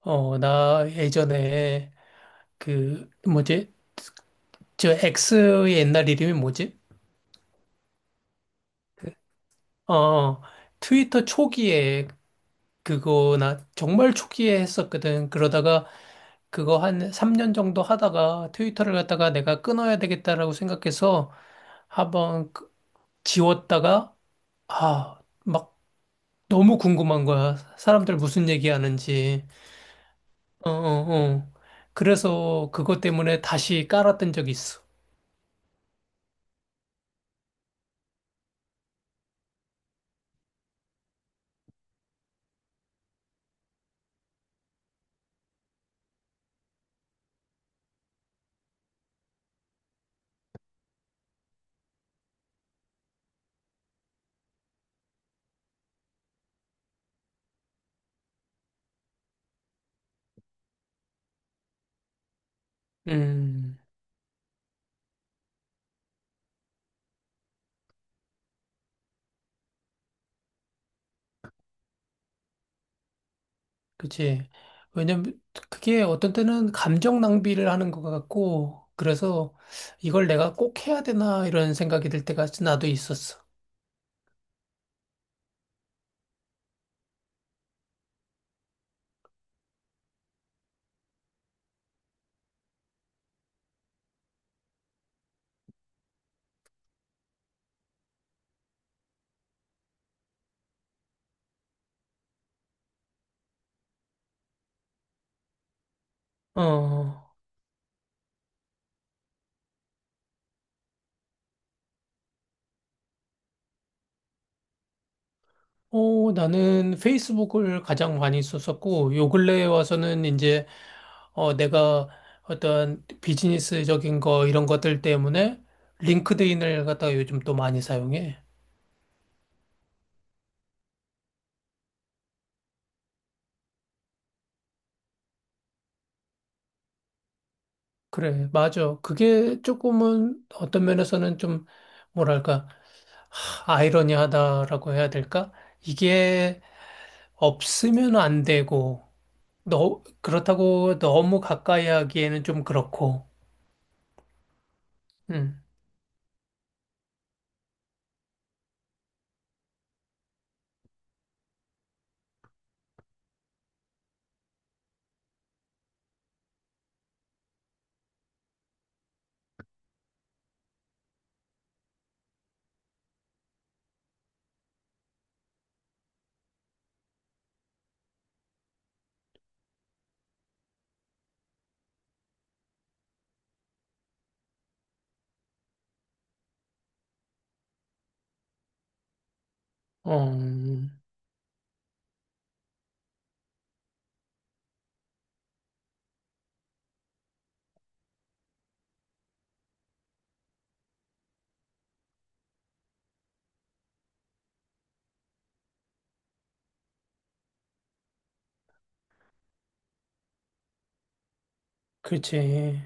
나 예전에 그 뭐지? 저 X의 옛날 이름이 뭐지? 어, 트위터 초기에 그거 나 정말 초기에 했었거든. 그러다가 그거 한 3년 정도 하다가 트위터를 갖다가 내가 끊어야 되겠다라고 생각해서 한번 지웠다가 아, 막 너무 궁금한 거야. 사람들 무슨 얘기하는지. 어, 어, 어. 그래서 그것 때문에 다시 깔았던 적이 있어. 음. 그치. 왜냐면 그게 어떤 때는 감정 낭비를 하는 것 같고, 그래서 이걸 내가 꼭 해야 되나 이런 생각이 들 때가 나도 있었어. 어, 나는 페이스북을 가장 많이 썼었고, 요 근래에 와서는 이제, 내가 어떤 비즈니스적인 거 이런 것들 때문에 링크드인을 갖다가 요즘 또 많이 사용해. 그래, 맞아. 그게 조금은 어떤 면에서는 좀, 뭐랄까. 아이러니하다라고 해야 될까? 이게 없으면 안 되고, 너, 그렇다고 너무 가까이 하기에는 좀 그렇고, 음, 어, 그렇지.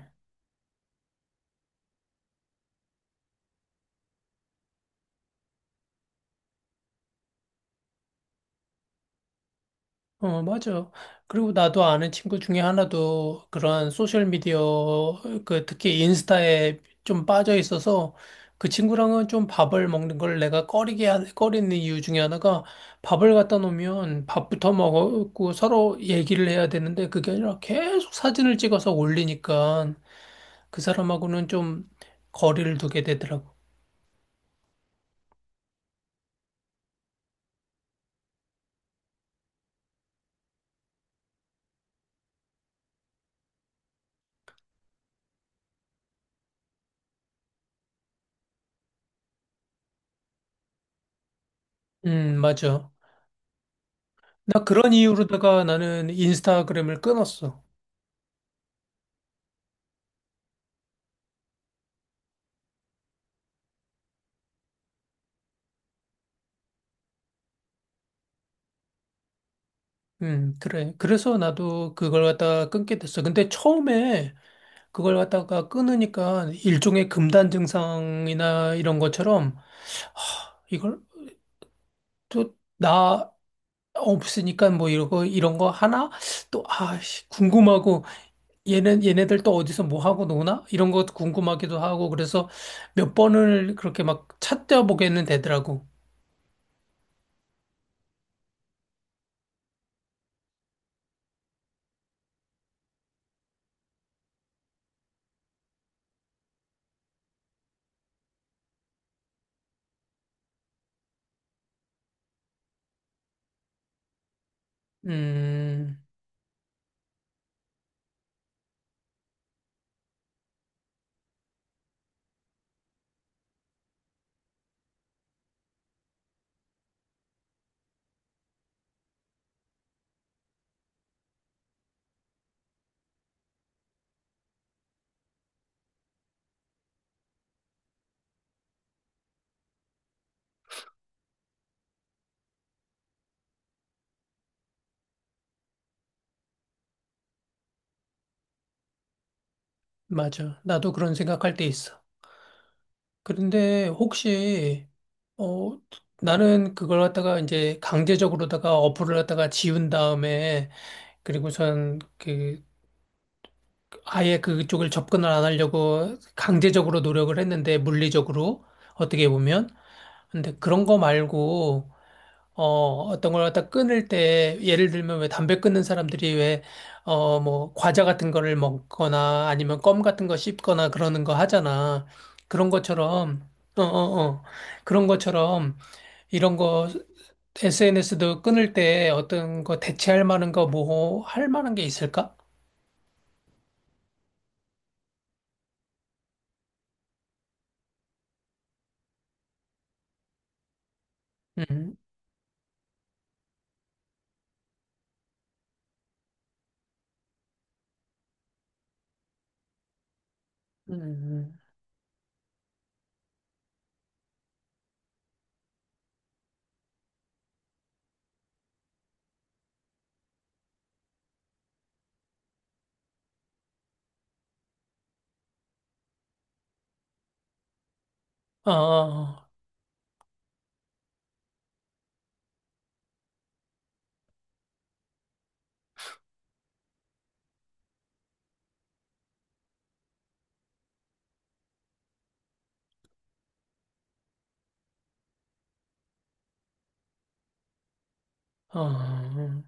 어, 맞아. 그리고 나도 아는 친구 중에 하나도 그런 소셜미디어, 그, 특히 인스타에 좀 빠져 있어서 그 친구랑은 좀 밥을 먹는 걸 내가 꺼리는 이유 중에 하나가 밥을 갖다 놓으면 밥부터 먹고 서로 얘기를 해야 되는데 그게 아니라 계속 사진을 찍어서 올리니까 그 사람하고는 좀 거리를 두게 되더라고. 맞아. 나 그런 이유로다가 나는 인스타그램을 끊었어. 그래. 그래서 나도 그걸 갖다가 끊게 됐어. 근데 처음에 그걸 갖다가 끊으니까 일종의 금단 증상이나 이런 것처럼, 하, 이걸 또 나 없으니까 뭐 이런 거 하나? 또, 궁금하고, 얘네들 또 어디서 뭐 하고 노나? 이런 것도 궁금하기도 하고, 그래서 몇 번을 그렇게 막 찾아보게는 되더라고. 음, 맞아. 나도 그런 생각할 때 있어. 그런데 혹시 어 나는 그걸 갖다가 이제 강제적으로다가 어플을 갖다가 지운 다음에 그리고선 그 아예 그쪽을 접근을 안 하려고 강제적으로 노력을 했는데 물리적으로 어떻게 보면 근데 그런 거 말고, 어, 어떤 걸 갖다 끊을 때, 예를 들면 왜 담배 끊는 사람들이 왜, 과자 같은 거를 먹거나 아니면 껌 같은 거 씹거나 그러는 거 하잖아. 그런 것처럼, 어, 어, 어. 그런 것처럼 이런 거 SNS도 끊을 때 어떤 거 대체할 만한 거 뭐, 할 만한 게 있을까? 음, 음, 어, 어, 어.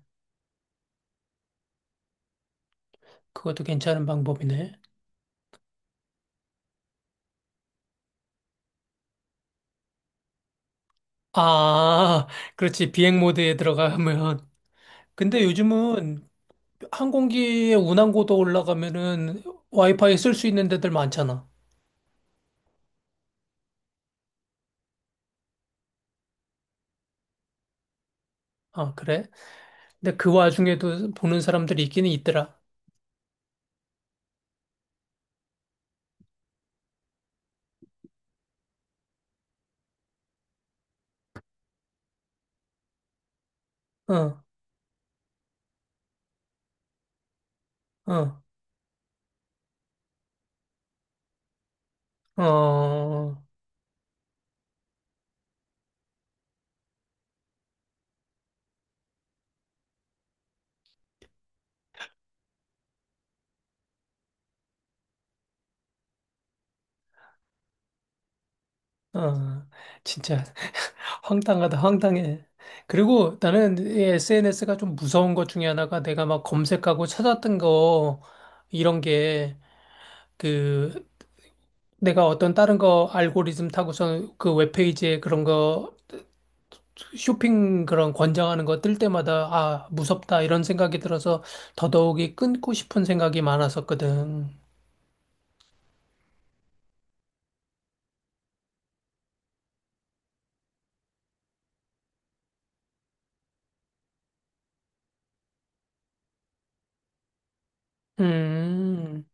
그것도 괜찮은 방법이네. 아, 그렇지. 비행 모드에 들어가면. 근데 요즘은 항공기에 운항고도 올라가면은 와이파이 쓸 수 있는 데들 많잖아. 아, 그래? 근데 그 와중에도 보는 사람들이 있기는 있더라. 어, 어, 어, 어. 진짜 황당하다, 황당해. 그리고 나는 SNS가 좀 무서운 것 중에 하나가 내가 막 검색하고 찾았던 거, 이런 게, 그, 내가 어떤 다른 거 알고리즘 타고서 그 웹페이지에 그런 거 쇼핑 그런 권장하는 거 뜰 때마다 아, 무섭다 이런 생각이 들어서 더더욱이 끊고 싶은 생각이 많았었거든. 음,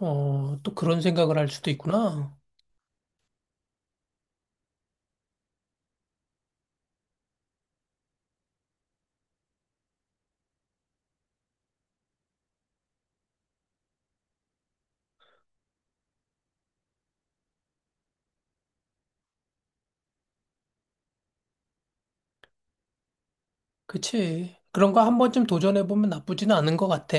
어, 또 그런 생각을 할 수도 있구나. 그치. 그런 거 한 번쯤 도전해보면 나쁘지는 않은 것 같아.